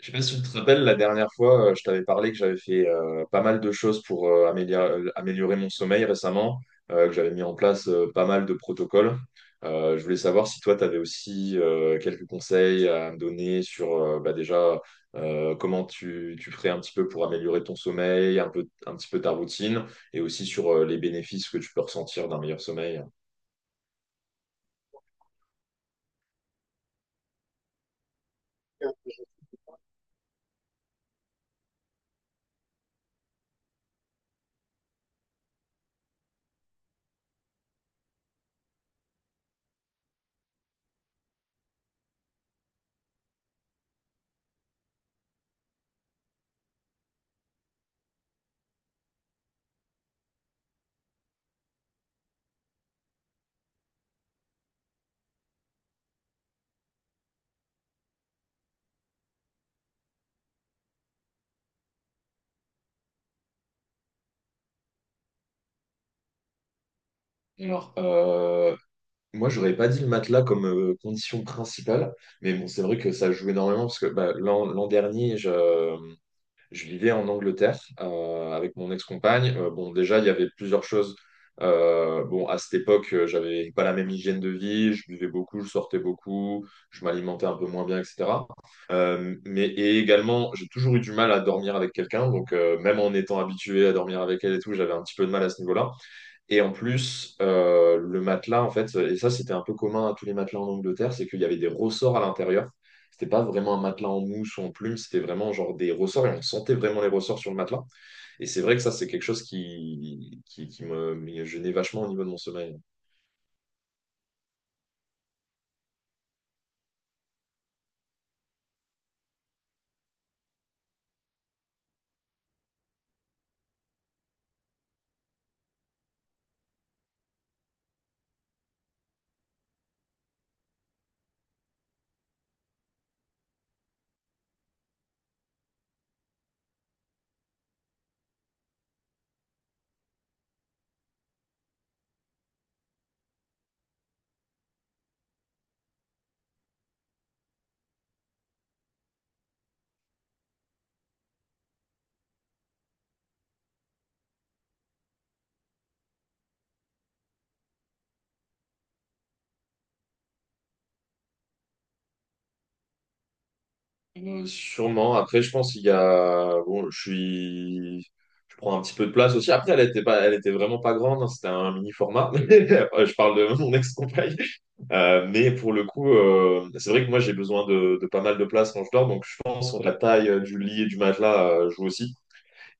Je sais pas si tu te rappelles, la dernière fois, je t'avais parlé que j'avais fait pas mal de choses pour améliorer mon sommeil récemment, que j'avais mis en place pas mal de protocoles. Je voulais savoir si toi, tu avais aussi quelques conseils à me donner sur bah, déjà comment tu ferais un petit peu pour améliorer ton sommeil, un peu, un petit peu ta routine, et aussi sur les bénéfices que tu peux ressentir d'un meilleur sommeil. Alors, moi, j'aurais pas dit le matelas comme condition principale, mais bon, c'est vrai que ça joue énormément parce que bah, l'an dernier, je vivais en Angleterre avec mon ex-compagne. Bon, déjà, il y avait plusieurs choses. Bon, à cette époque, j'avais pas la même hygiène de vie, je buvais beaucoup, je sortais beaucoup, je m'alimentais un peu moins bien, etc. Mais et également, j'ai toujours eu du mal à dormir avec quelqu'un, donc même en étant habitué à dormir avec elle et tout, j'avais un petit peu de mal à ce niveau-là. Et en plus, le matelas, en fait, et ça c'était un peu commun à tous les matelas en Angleterre, c'est qu'il y avait des ressorts à l'intérieur. C'était pas vraiment un matelas en mousse ou en plume, c'était vraiment genre des ressorts et on sentait vraiment les ressorts sur le matelas. Et c'est vrai que ça, c'est quelque chose qui me gênait vachement au niveau de mon sommeil. Sûrement. Après, je pense qu'il y a. Bon, je suis. Je prends un petit peu de place aussi. Après, elle était pas, elle était vraiment pas grande, hein. C'était un mini format. Je parle de mon ex-compagne. Mais pour le coup, c'est vrai que moi j'ai besoin de pas mal de place quand je dors, donc je pense que la taille du lit et du matelas joue aussi.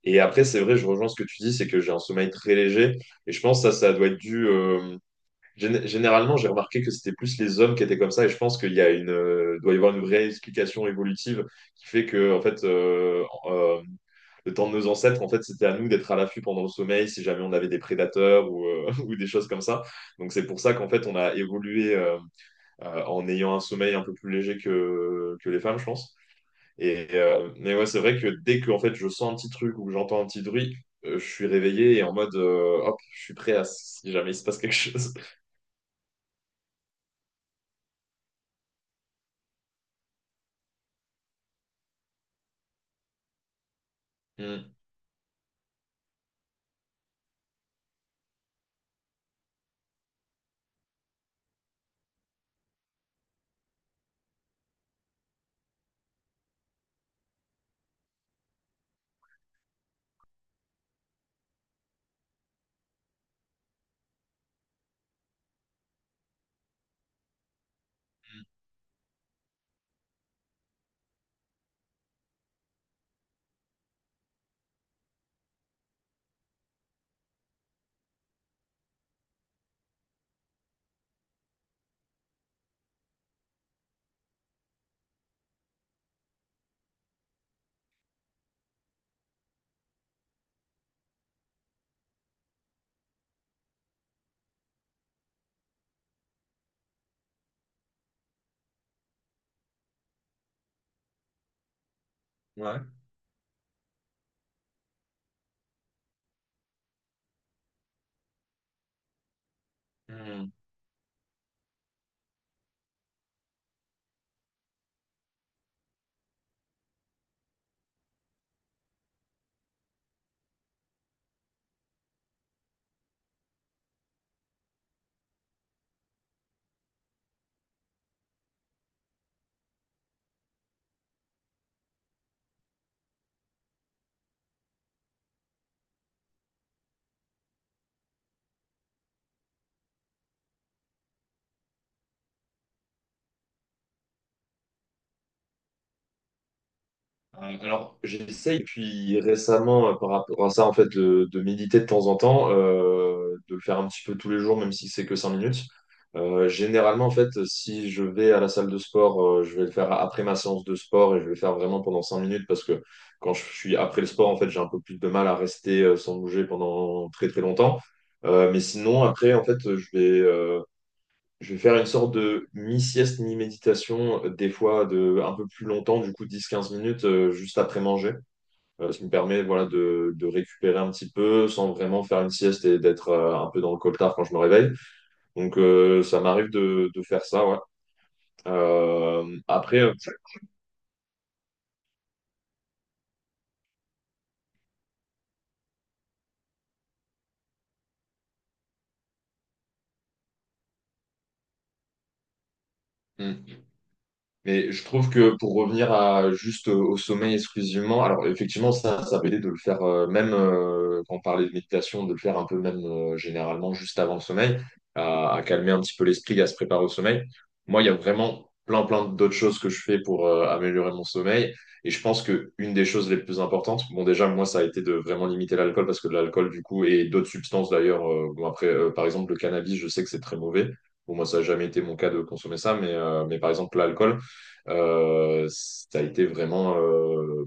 Et après, c'est vrai, je rejoins ce que tu dis, c'est que j'ai un sommeil très léger, et je pense que ça doit être dû. Généralement, j'ai remarqué que c'était plus les hommes qui étaient comme ça, et je pense qu'il y a doit y avoir une vraie explication évolutive qui fait que, en fait, le temps de nos ancêtres, en fait, c'était à nous d'être à l'affût pendant le sommeil si jamais on avait des prédateurs ou, ou des choses comme ça. Donc c'est pour ça qu'en fait, on a évolué. En ayant un sommeil un peu plus léger que les femmes, je pense. Et, mais ouais, c'est vrai que dès que en fait, je sens un petit truc ou que j'entends un petit bruit, je suis réveillé et en mode hop, je suis prêt à si jamais il se passe quelque chose. Mm. Ouais. Mm. Alors, j'essaye depuis récemment par rapport à ça, en fait, de méditer de temps en temps, de le faire un petit peu tous les jours, même si c'est que 5 minutes. Généralement, en fait, si je vais à la salle de sport, je vais le faire après ma séance de sport et je vais le faire vraiment pendant 5 minutes parce que quand je suis après le sport, en fait, j'ai un peu plus de mal à rester sans bouger pendant très très longtemps. Mais sinon, après, en fait, je vais faire une sorte de mi-sieste, mi-méditation, des fois de un peu plus longtemps, du coup 10 15 minutes juste après manger. Ce qui me permet voilà, de récupérer un petit peu sans vraiment faire une sieste et d'être un peu dans le coltard quand je me réveille. Donc ça m'arrive de faire ça, ouais. Euh, après, euh, hmm. Mais je trouve que pour revenir à juste au sommeil exclusivement, alors effectivement, ça peut aider de le faire même quand on parlait de méditation, de le faire un peu même généralement juste avant le sommeil, à calmer un petit peu l'esprit, à se préparer au sommeil. Moi, il y a vraiment plein, plein d'autres choses que je fais pour améliorer mon sommeil. Et je pense que une des choses les plus importantes, bon, déjà, moi, ça a été de vraiment limiter l'alcool parce que l'alcool, du coup, et d'autres substances d'ailleurs, bon, après, par exemple, le cannabis, je sais que c'est très mauvais. Bon, moi, ça n'a jamais été mon cas de consommer ça, mais par exemple, l'alcool. Ça a été vraiment.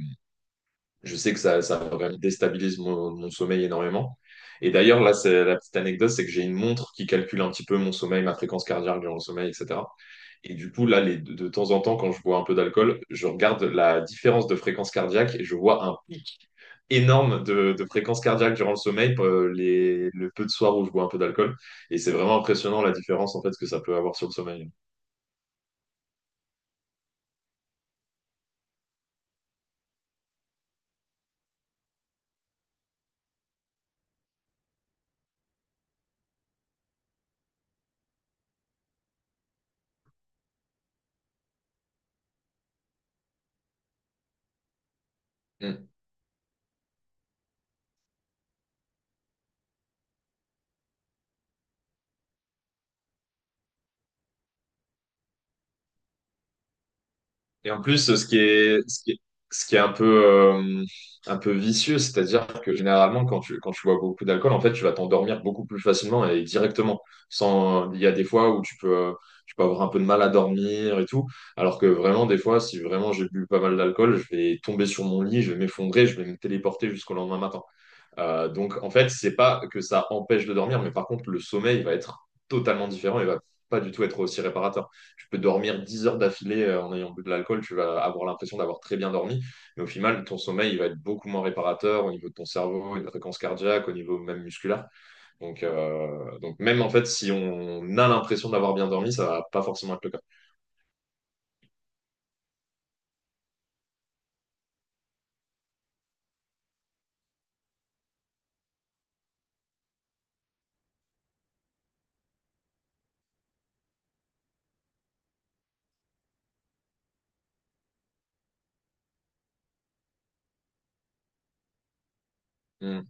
Je sais que ça vraiment déstabilise mon sommeil énormément. Et d'ailleurs, là, c'est la petite anecdote, c'est que j'ai une montre qui calcule un petit peu mon sommeil, ma fréquence cardiaque durant le sommeil, etc. Et du coup, là, de temps en temps, quand je bois un peu d'alcool, je regarde la différence de fréquence cardiaque et je vois un pic énorme de fréquence cardiaque durant le sommeil, le peu de soir où je bois un peu d'alcool. Et c'est vraiment impressionnant la différence en fait que ça peut avoir sur le sommeil. Mm. Et en plus, ce qui est, ce qui est, ce qui est un peu vicieux, c'est-à-dire que généralement, quand tu bois beaucoup d'alcool, en fait, tu vas t'endormir beaucoup plus facilement et directement. Sans, il y a des fois où tu peux avoir un peu de mal à dormir et tout. Alors que vraiment, des fois, si vraiment j'ai bu pas mal d'alcool, je vais tomber sur mon lit, je vais m'effondrer, je vais me téléporter jusqu'au lendemain matin. Donc en fait, c'est pas que ça empêche de dormir, mais par contre, le sommeil va être totalement différent et va pas du tout être aussi réparateur. Tu peux dormir 10 heures d'affilée en ayant bu de l'alcool, tu vas avoir l'impression d'avoir très bien dormi, mais au final, ton sommeil il va être beaucoup moins réparateur au niveau de ton cerveau, de la fréquence cardiaque, au niveau même musculaire. Donc même en fait, si on a l'impression d'avoir bien dormi, ça va pas forcément être le cas. Hmm.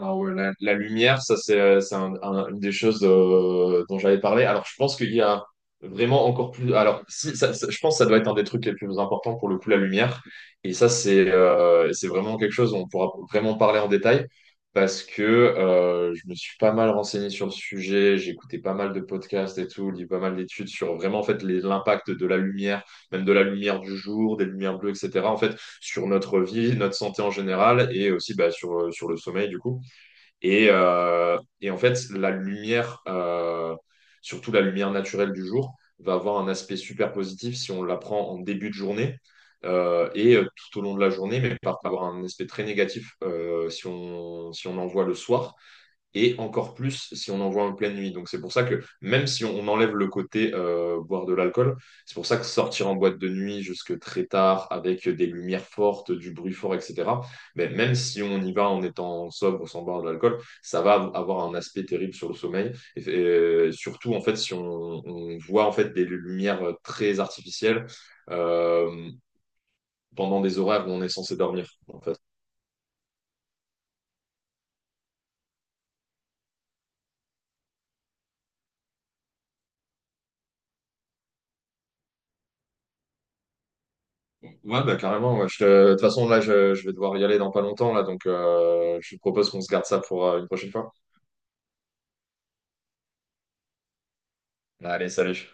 Ah ouais, la lumière, ça c'est une des choses dont j'avais parlé. Alors je pense qu'il y a vraiment encore plus. Alors si, je pense que ça doit être un des trucs les plus importants pour le coup la lumière. Et ça c'est vraiment quelque chose dont on pourra vraiment parler en détail parce que je me suis pas mal renseigné sur le sujet. J'ai écouté pas mal de podcasts et tout, lu pas mal d'études sur vraiment en fait l'impact de la lumière, même de la lumière du jour, des lumières bleues, etc. En fait sur notre vie, notre santé en général et aussi bah, sur sur le sommeil du coup. Et en fait, la lumière, surtout la lumière naturelle du jour, va avoir un aspect super positif si on la prend en début de journée et tout au long de la journée, mais par avoir un aspect très négatif si on en voit le soir et encore plus si on en voit en pleine nuit. Donc c'est pour ça que même si on enlève le côté boire de l'alcool, c'est pour ça que sortir en boîte de nuit jusque très tard avec des lumières fortes, du bruit fort, etc. Mais même si on y va en étant sobre, sans boire de l'alcool, ça va avoir un aspect terrible sur le sommeil. Et surtout en fait si voit en fait des lumières très artificielles. Euh, Pendant des horaires où on est censé dormir. En fait, ouais, bah carrément, ouais. De toute façon, là, je vais devoir y aller dans pas longtemps, là, donc je te propose qu'on se garde ça pour une prochaine fois. Allez, salut.